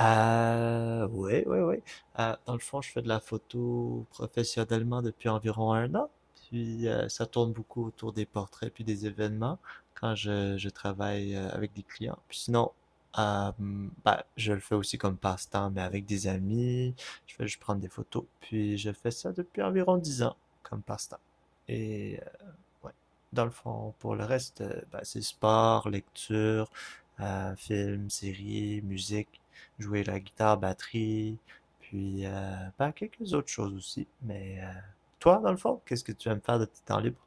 Oui, oui, oui. Dans le fond, je fais de la photo professionnellement depuis environ un an. Puis ça tourne beaucoup autour des portraits puis des événements quand je travaille avec des clients. Puis sinon, euh, bah, je le fais aussi comme passe-temps, mais avec des amis. Je fais juste prendre des photos. Puis je fais ça depuis environ 10 ans comme passe-temps. Et ouais, dans le fond, pour le reste, bah, c'est sport, lecture, films, séries, musique, jouer la guitare, batterie, puis bah, quelques autres choses aussi. Mais toi, dans le fond, qu'est-ce que tu aimes faire de tes temps libres?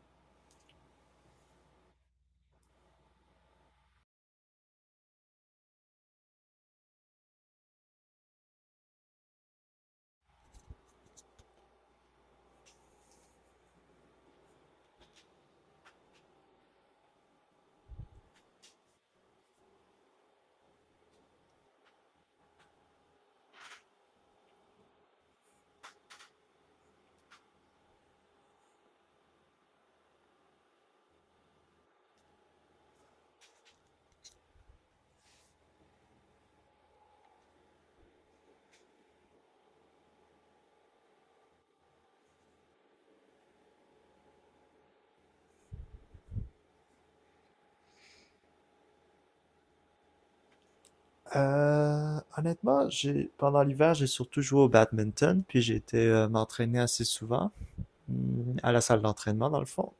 Honnêtement, j'ai pendant l'hiver, j'ai surtout joué au badminton, puis j'ai été m'entraîner assez souvent à la salle d'entraînement, dans le fond,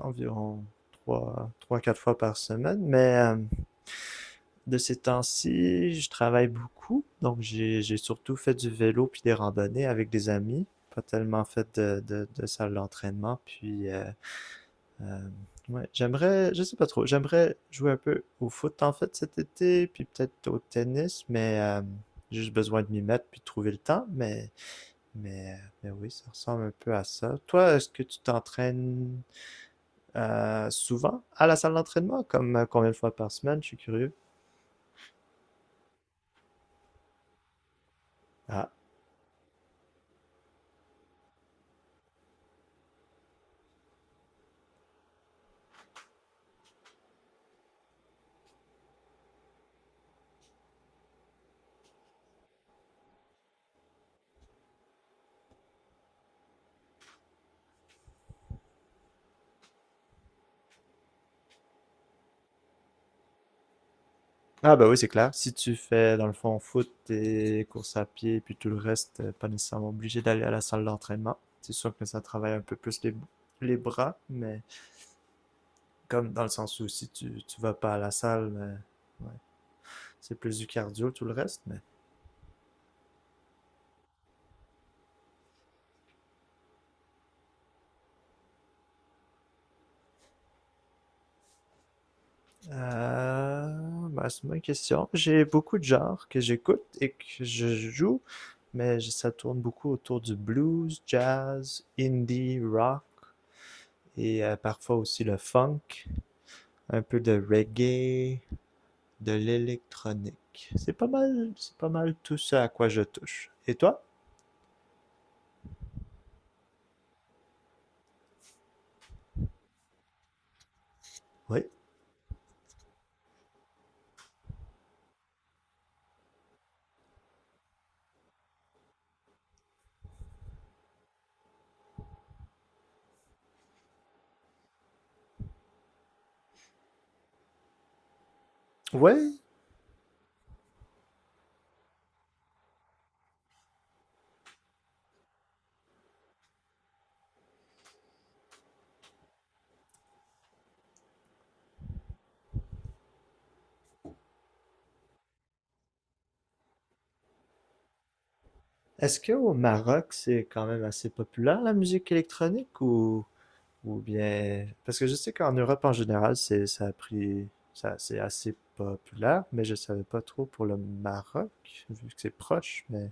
environ 3, 4 fois par semaine. Mais de ces temps-ci, je travaille beaucoup, donc j'ai surtout fait du vélo puis des randonnées avec des amis, pas tellement fait de salle d'entraînement. Puis Euh, ouais, je sais pas trop, j'aimerais jouer un peu au foot en fait cet été, puis peut-être au tennis, mais j'ai juste besoin de m'y mettre puis de trouver le temps, mais oui, ça ressemble un peu à ça. Toi, est-ce que tu t'entraînes souvent à la salle d'entraînement, comme combien de fois par semaine? Je suis curieux. Ah, ah bah oui, c'est clair. Si tu fais dans le fond foot et course à pied, puis tout le reste, pas nécessairement obligé d'aller à la salle d'entraînement. C'est sûr que ça travaille un peu plus les bras, mais... Comme dans le sens où si tu vas pas à la salle, mais, ouais, c'est plus du cardio, tout le reste. Mais bah, c'est ma question. J'ai beaucoup de genres que j'écoute et que je joue, mais ça tourne beaucoup autour du blues, jazz, indie, rock et parfois aussi le funk, un peu de reggae, de l'électronique. C'est pas mal tout ça à quoi je touche. Et toi? Oui. Oui. Est-ce qu'au Maroc, c'est quand même assez populaire la musique électronique ou bien... Parce que je sais qu'en Europe en général, c'est, ça a pris, ça, c'est assez populaire, mais je savais pas trop pour le Maroc, vu que c'est proche, mais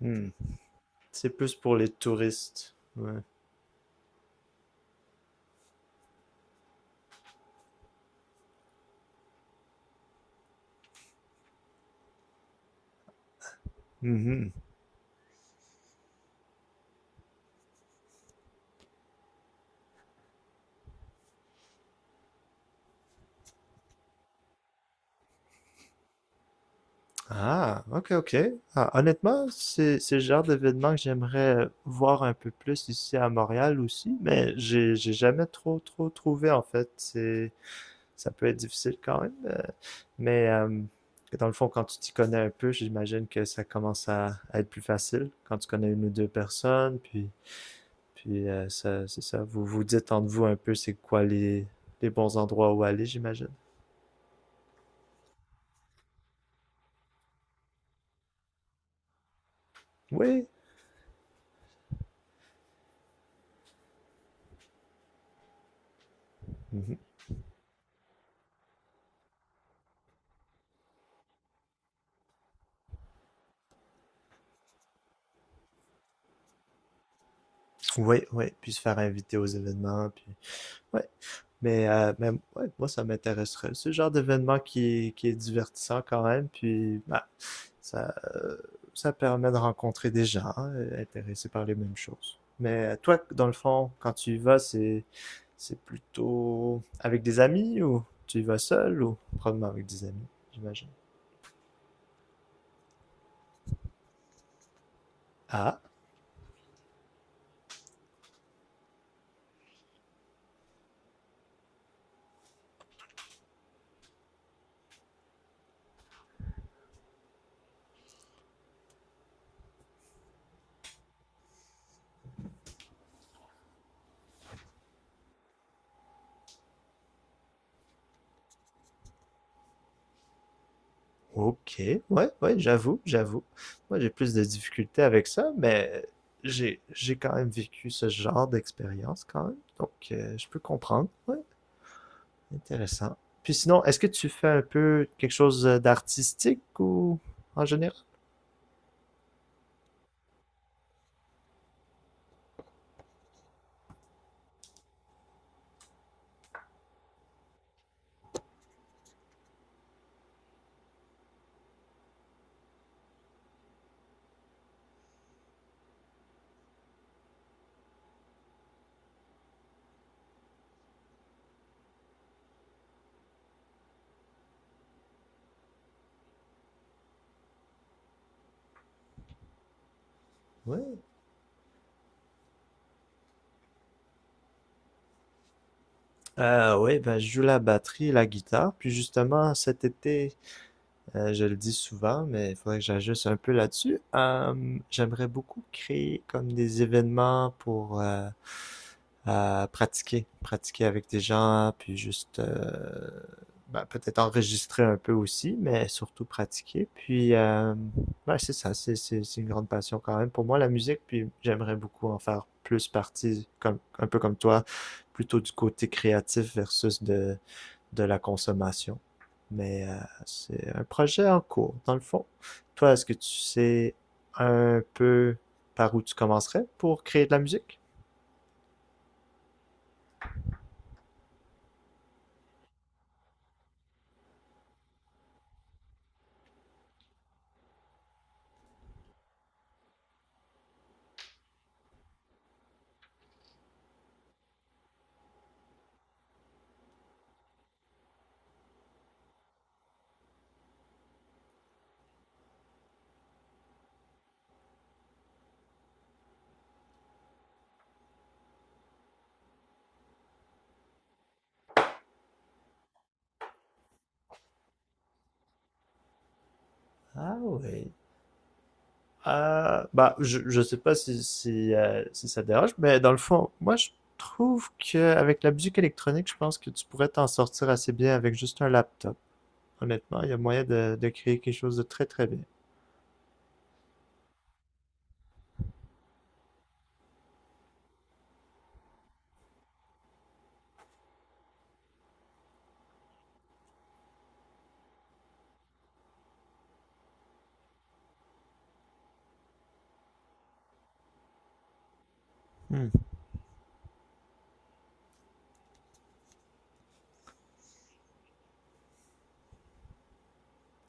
hmm, c'est plus pour les touristes. Ouais. Mhm. Ah, ok, ok. Ah, honnêtement, c'est le genre d'événement que j'aimerais voir un peu plus ici à Montréal aussi, mais j'ai jamais trop trouvé en fait. C'est Ça peut être difficile quand même. Mais dans le fond, quand tu t'y connais un peu, j'imagine que ça commence à être plus facile quand tu connais une ou deux personnes. Puis ça, c'est ça. Vous vous dites entre vous un peu c'est quoi les bons endroits où aller, j'imagine. Oui. Mhm. Oui, oui. Puis se faire inviter aux événements. Puis Ouais. Mais ouais, moi, ça m'intéresserait. C'est le genre d'événement qui est divertissant quand même, puis bah, ça, euh, ça permet de rencontrer des gens intéressés par les mêmes choses. Mais toi, dans le fond, quand tu y vas, c'est, plutôt avec des amis ou tu y vas seul ou probablement avec des amis, j'imagine. Ah! Ok, ouais, ouais, j'avoue, j'avoue. Moi, j'ai plus de difficultés avec ça, mais j'ai quand même vécu ce genre d'expérience quand même, donc je peux comprendre. Ouais, intéressant. Puis sinon, est-ce que tu fais un peu quelque chose d'artistique ou en général? Ouais. Oui, ben, je joue la batterie et la guitare. Puis justement, cet été, je le dis souvent, mais il faudrait que j'ajuste un peu là-dessus. J'aimerais beaucoup créer comme des événements pour pratiquer avec des gens, puis juste ben, peut-être enregistrer un peu aussi, mais surtout pratiquer. Puis ben, c'est ça, c'est une grande passion quand même pour moi, la musique, puis j'aimerais beaucoup en faire plus partie, comme, un peu comme toi, plutôt du côté créatif versus de la consommation. Mais c'est un projet en cours, dans le fond. Toi, est-ce que tu sais un peu par où tu commencerais pour créer de la musique? Ah oui. Bah, je sais pas si ça te dérange, mais dans le fond, moi, je trouve que avec la musique électronique, je pense que tu pourrais t'en sortir assez bien avec juste un laptop. Honnêtement, il y a moyen de créer quelque chose de très très bien. Hmm.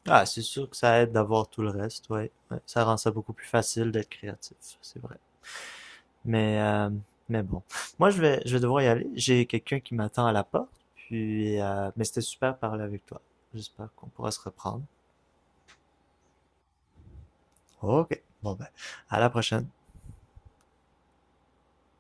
Ah, c'est sûr que ça aide d'avoir tout le reste, ouais. Ouais, ça rend ça beaucoup plus facile d'être créatif, c'est vrai. Mais, euh, mais bon. Moi, je vais devoir y aller. J'ai quelqu'un qui m'attend à la porte. Puis, mais c'était super de parler avec toi. J'espère qu'on pourra se reprendre. Ok. Bon ben, à la prochaine.